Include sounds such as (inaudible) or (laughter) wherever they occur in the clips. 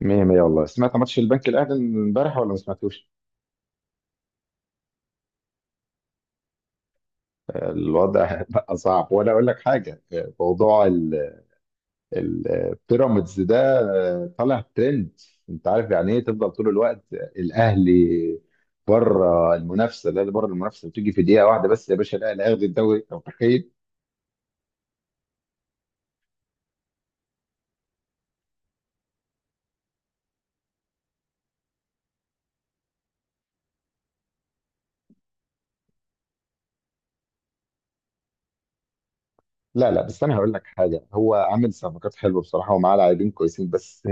مية مية والله، سمعت ماتش البنك الأهلي امبارح ولا ما سمعتوش؟ الوضع (laughs) بقى صعب، وأنا أقول لك حاجة. موضوع البيراميدز ده طالع ترند. أنت عارف يعني إيه تفضل طول الوقت الأهلي بره المنافسة؟ الأهلي بره المنافسة، بتيجي في دقيقة واحدة بس. يا باشا الأهلي هياخد الدوري، أنت متخيل؟ لا، لا، بس أنا هقول لك حاجة. هو عامل صفقات حلوة بصراحة، ومعاه لاعبين كويسين، بس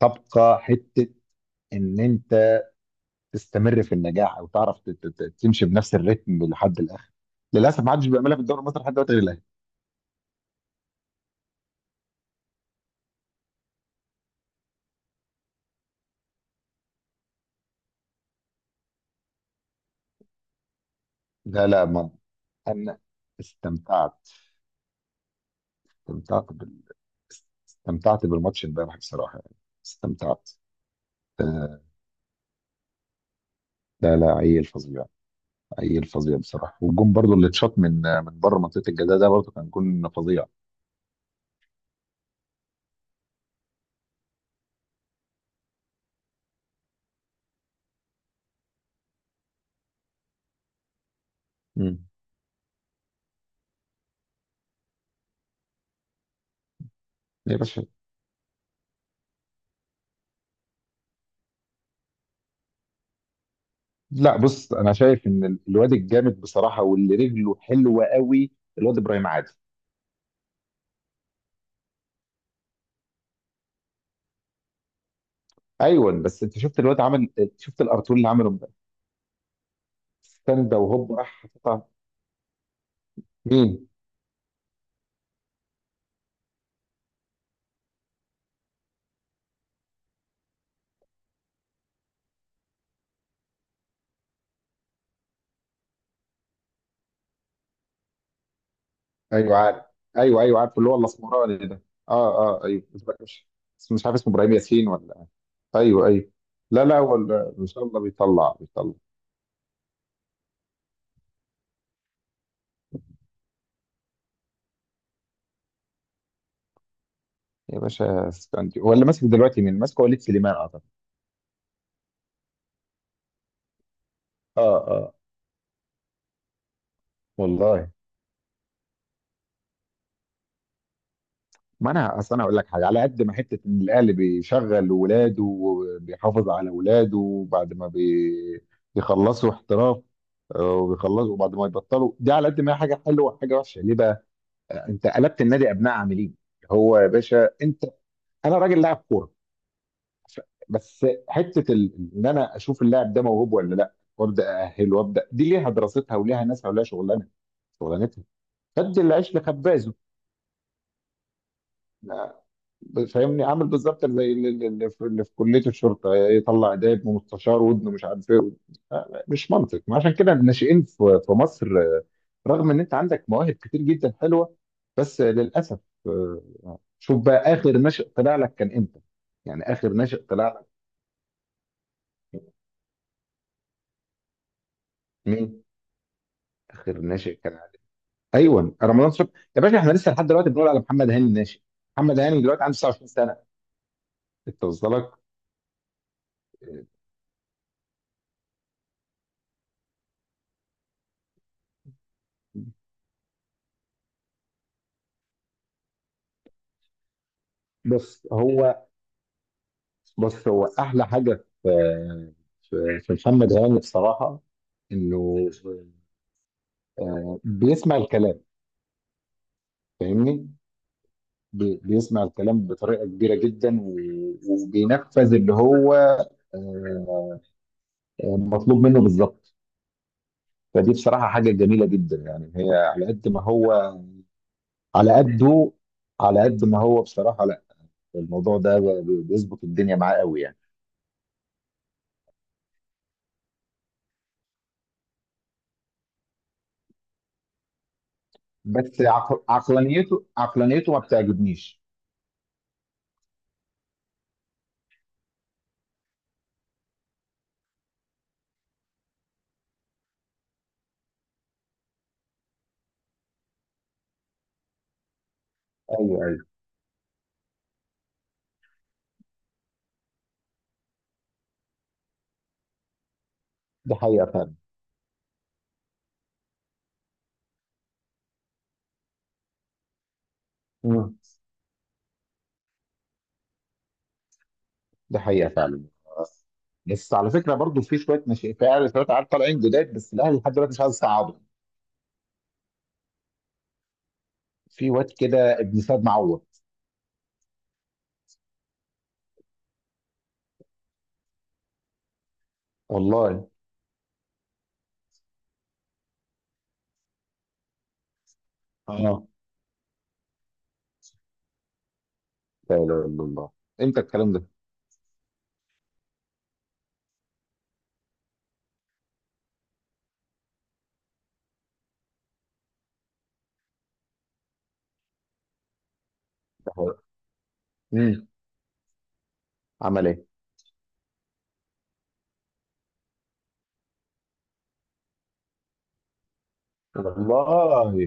تبقى حتة إن أنت تستمر في النجاح أو تعرف تمشي بنفس الريتم لحد الآخر. للاسف ما حدش بيعملها في الدوري المصري لحد دلوقتي غير الاهلي. لا، لا، ما انا استمتعت. استمتعت بال... استمتعت بالماتش امبارح بصراحه، يعني استمتعت. آه، لا، لا، عيل فظيع، عيل فظيع بصراحه. والجون برضو اللي اتشاط من بره منطقه الجزاء ده، برضو كان جون فظيع. مم. يا باشا، لا، بص انا شايف ان الواد الجامد بصراحه واللي رجله حلوه قوي، الواد ابراهيم عادل. ايوه، بس انت شفت الارتول اللي عمله امبارح. ستاندا وهوب راح حطها. مين؟ ايوه، عارف. ايوه، ايوه، عارف اللي هو الاسمراني ده. اه، اه، ايوه، بس مش عارف اسمه ابراهيم ياسين ولا إيه. ايوه، ايوه. لا، لا، هو ان شاء الله بيطلع، بيطلع. يا باشا استنتي، هو اللي ماسك دلوقتي مين؟ ماسك وليد سليمان اعتقد. اه، اه، والله. ما انا اصل انا اقول لك حاجه، على قد ما حته ان الاهل بيشغل ولاده وبيحافظ على ولاده بعد ما بيخلصوا احتراف. وبيخلصوا وبعد ما يبطلوا دي، على قد ما هي حاجه حلوه، حاجه وحشه ليه بقى. انت قلبت النادي ابناء عاملين. هو يا باشا انت انا راجل لاعب كوره. ف- بس حته ان انا اشوف اللاعب ده موهوب ولا لا. وابدا ااهله وابدا، دي ليها دراستها وليها ناسها وليها شغلانتها. خد العيش لخبازه. فاهمني، عامل بالظبط زي اللي في كليه الشرطه، يطلع ده يبقى مستشار وابنه مش عارف ايه. مش منطق. ما عشان كده الناشئين في مصر، رغم ان انت عندك مواهب كتير جدا حلوه، بس للاسف شوف بقى اخر ناشئ طلع لك كان امتى؟ يعني اخر ناشئ طلع لك مين؟ اخر ناشئ كان؟ ايوه، رمضان صبحي. يا باشا احنا لسه لحد دلوقتي بنقول على محمد هاني الناشئ. محمد هاني دلوقتي عنده 29 سنه. انت وصلك؟ بص هو بص هو احلى حاجه في محمد هاني بصراحه، انه بيسمع الكلام. فاهمني، بيسمع الكلام بطريقه كبيره جدا، وبينفذ اللي هو آه، مطلوب منه بالظبط. فدي بصراحه حاجه جميله جدا، يعني هي على قده، على قد ما هو بصراحه. لا، الموضوع ده بيظبط الدنيا معاه قوي يعني. بس عقلانيته ما بتعجبنيش. ايوه، ايوه، دي حقيقه فعلا. مم. ده حقيقة فعلا. بس على فكرة برضو، في شوية ناشئين في أهلي. شوية عيال طالعين جداد، بس الأهلي لحد دلوقتي مش عايز يصعدهم. في واد كده ابن سيد معوض. والله. اه، لا إله إلا الله. امتى الكلام ده؟ امم عمل ايه؟ والله.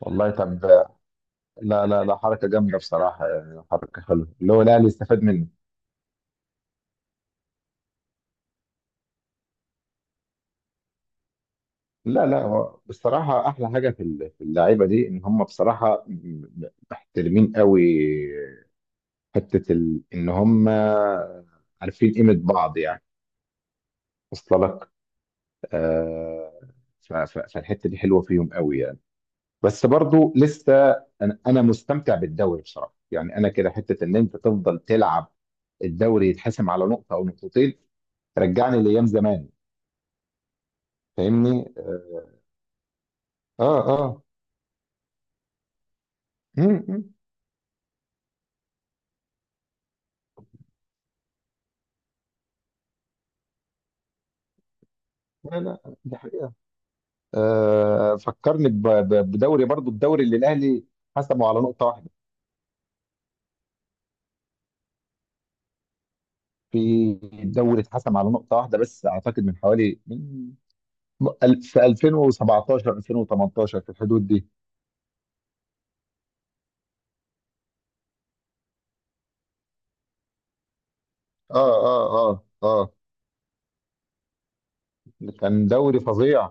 والله طب. لا، لا، لا، حركة جامدة بصراحة، يعني حركة حلوة اللي هو الأهلي استفاد منه. لا، لا، هو بصراحة أحلى حاجة في اللعيبة دي، إن هم بصراحة محترمين قوي. حته ان هم عارفين قيمه بعض يعني. وصل لك؟ آه فالحته دي حلوه فيهم قوي يعني. بس برضو لسه انا مستمتع بالدوري بصراحه يعني. انا كده حته ان انت تفضل تلعب، الدوري يتحسم على نقطه او نقطتين، رجعني لايام زمان. فاهمني؟ اه، اه، آه. مم، مم. لا، لا، دي حقيقة. فكرني بدوري برضو، الدوري اللي الاهلي حسمه على نقطة واحدة. في الدوري اتحسم على نقطة واحدة بس، أعتقد من حوالي من في 2017، 2018، في الحدود دي. اه، اه، اه، اه، كان دوري فظيع.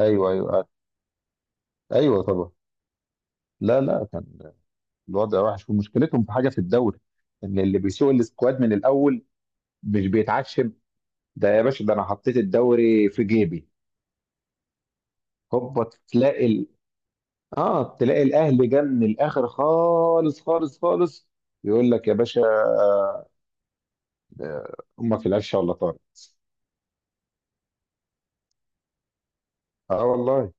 ايوه، ايوه، آه. ايوه طبعا. لا، لا، كان الوضع وحش. ومشكلتهم في حاجة في الدوري، إن اللي بيسوق السكواد من الأول مش بيتعشم. ده يا باشا، ده أنا حطيت الدوري في جيبي. هوبا تلاقي ال... اه تلاقي الأهلي جه من الآخر، خالص خالص خالص. يقول لك يا باشا، ده امك القشه ولا طارق. اه، والله.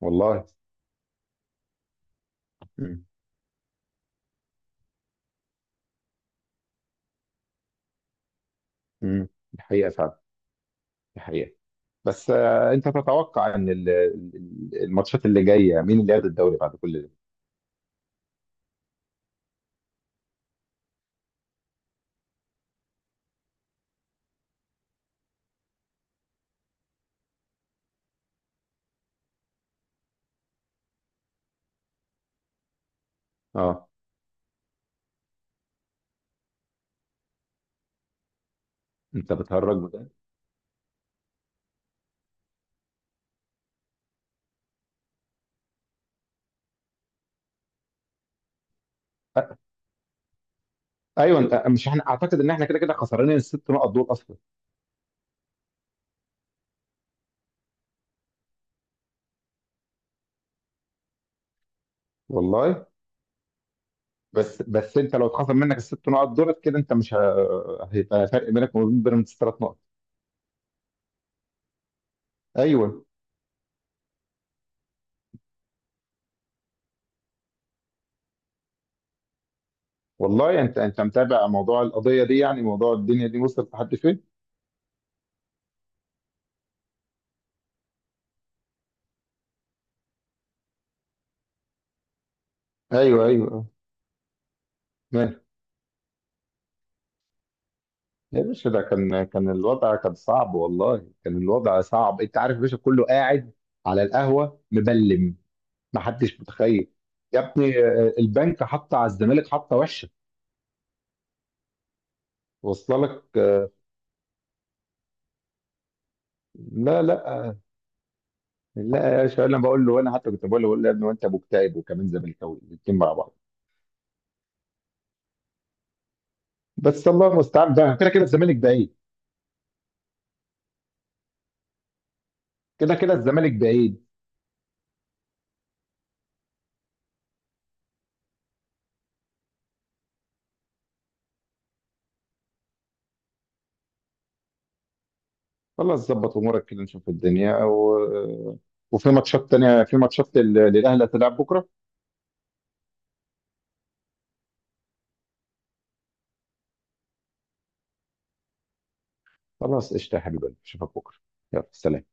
والله. امم دي حقيقه فعلا، دي حقيقه. بس انت تتوقع ان الماتشات اللي جايه، مين اللي ياخد الدوري بعد كل ده؟ اه، انت بتهرج من ده. آه، ايوه، انت مش، احنا اعتقد ان احنا كده كده خسرانين الست نقط دول اصلا. والله، بس انت لو اتخصم منك الست نقط دول كده، انت مش ه- هيبقى فرق بينك وبين بيراميدز ثلاث نقط. ايوه، والله. انت متابع موضوع القضيه دي، يعني موضوع الدنيا دي وصلت لحد فين؟ ايوه، ايوه، آه. يا باشا، ده كان الوضع كان صعب. والله كان الوضع صعب. انت عارف يا باشا، كله قاعد على القهوه مبلم. ما حدش متخيل. يا ابني البنك حط على الزمالك حطه وحشه. وصل لك؟ لا، لا، لا، يا باشا. انا بقول له، انا حتى كنت بقول له يا ابني وانت مكتئب وكمان زملكاوي، الاثنين مع بعض. بس الله المستعان بقى. كده كده الزمالك بعيد. كده كده الزمالك بعيد. خلاص، ظبط امورك كده نشوف الدنيا، وفي ماتشات تانيه، في ماتشات للاهلي هتلعب بكره. خلاص، قشطة يا حبيبي، اشوفك بكرة. يلا سلام.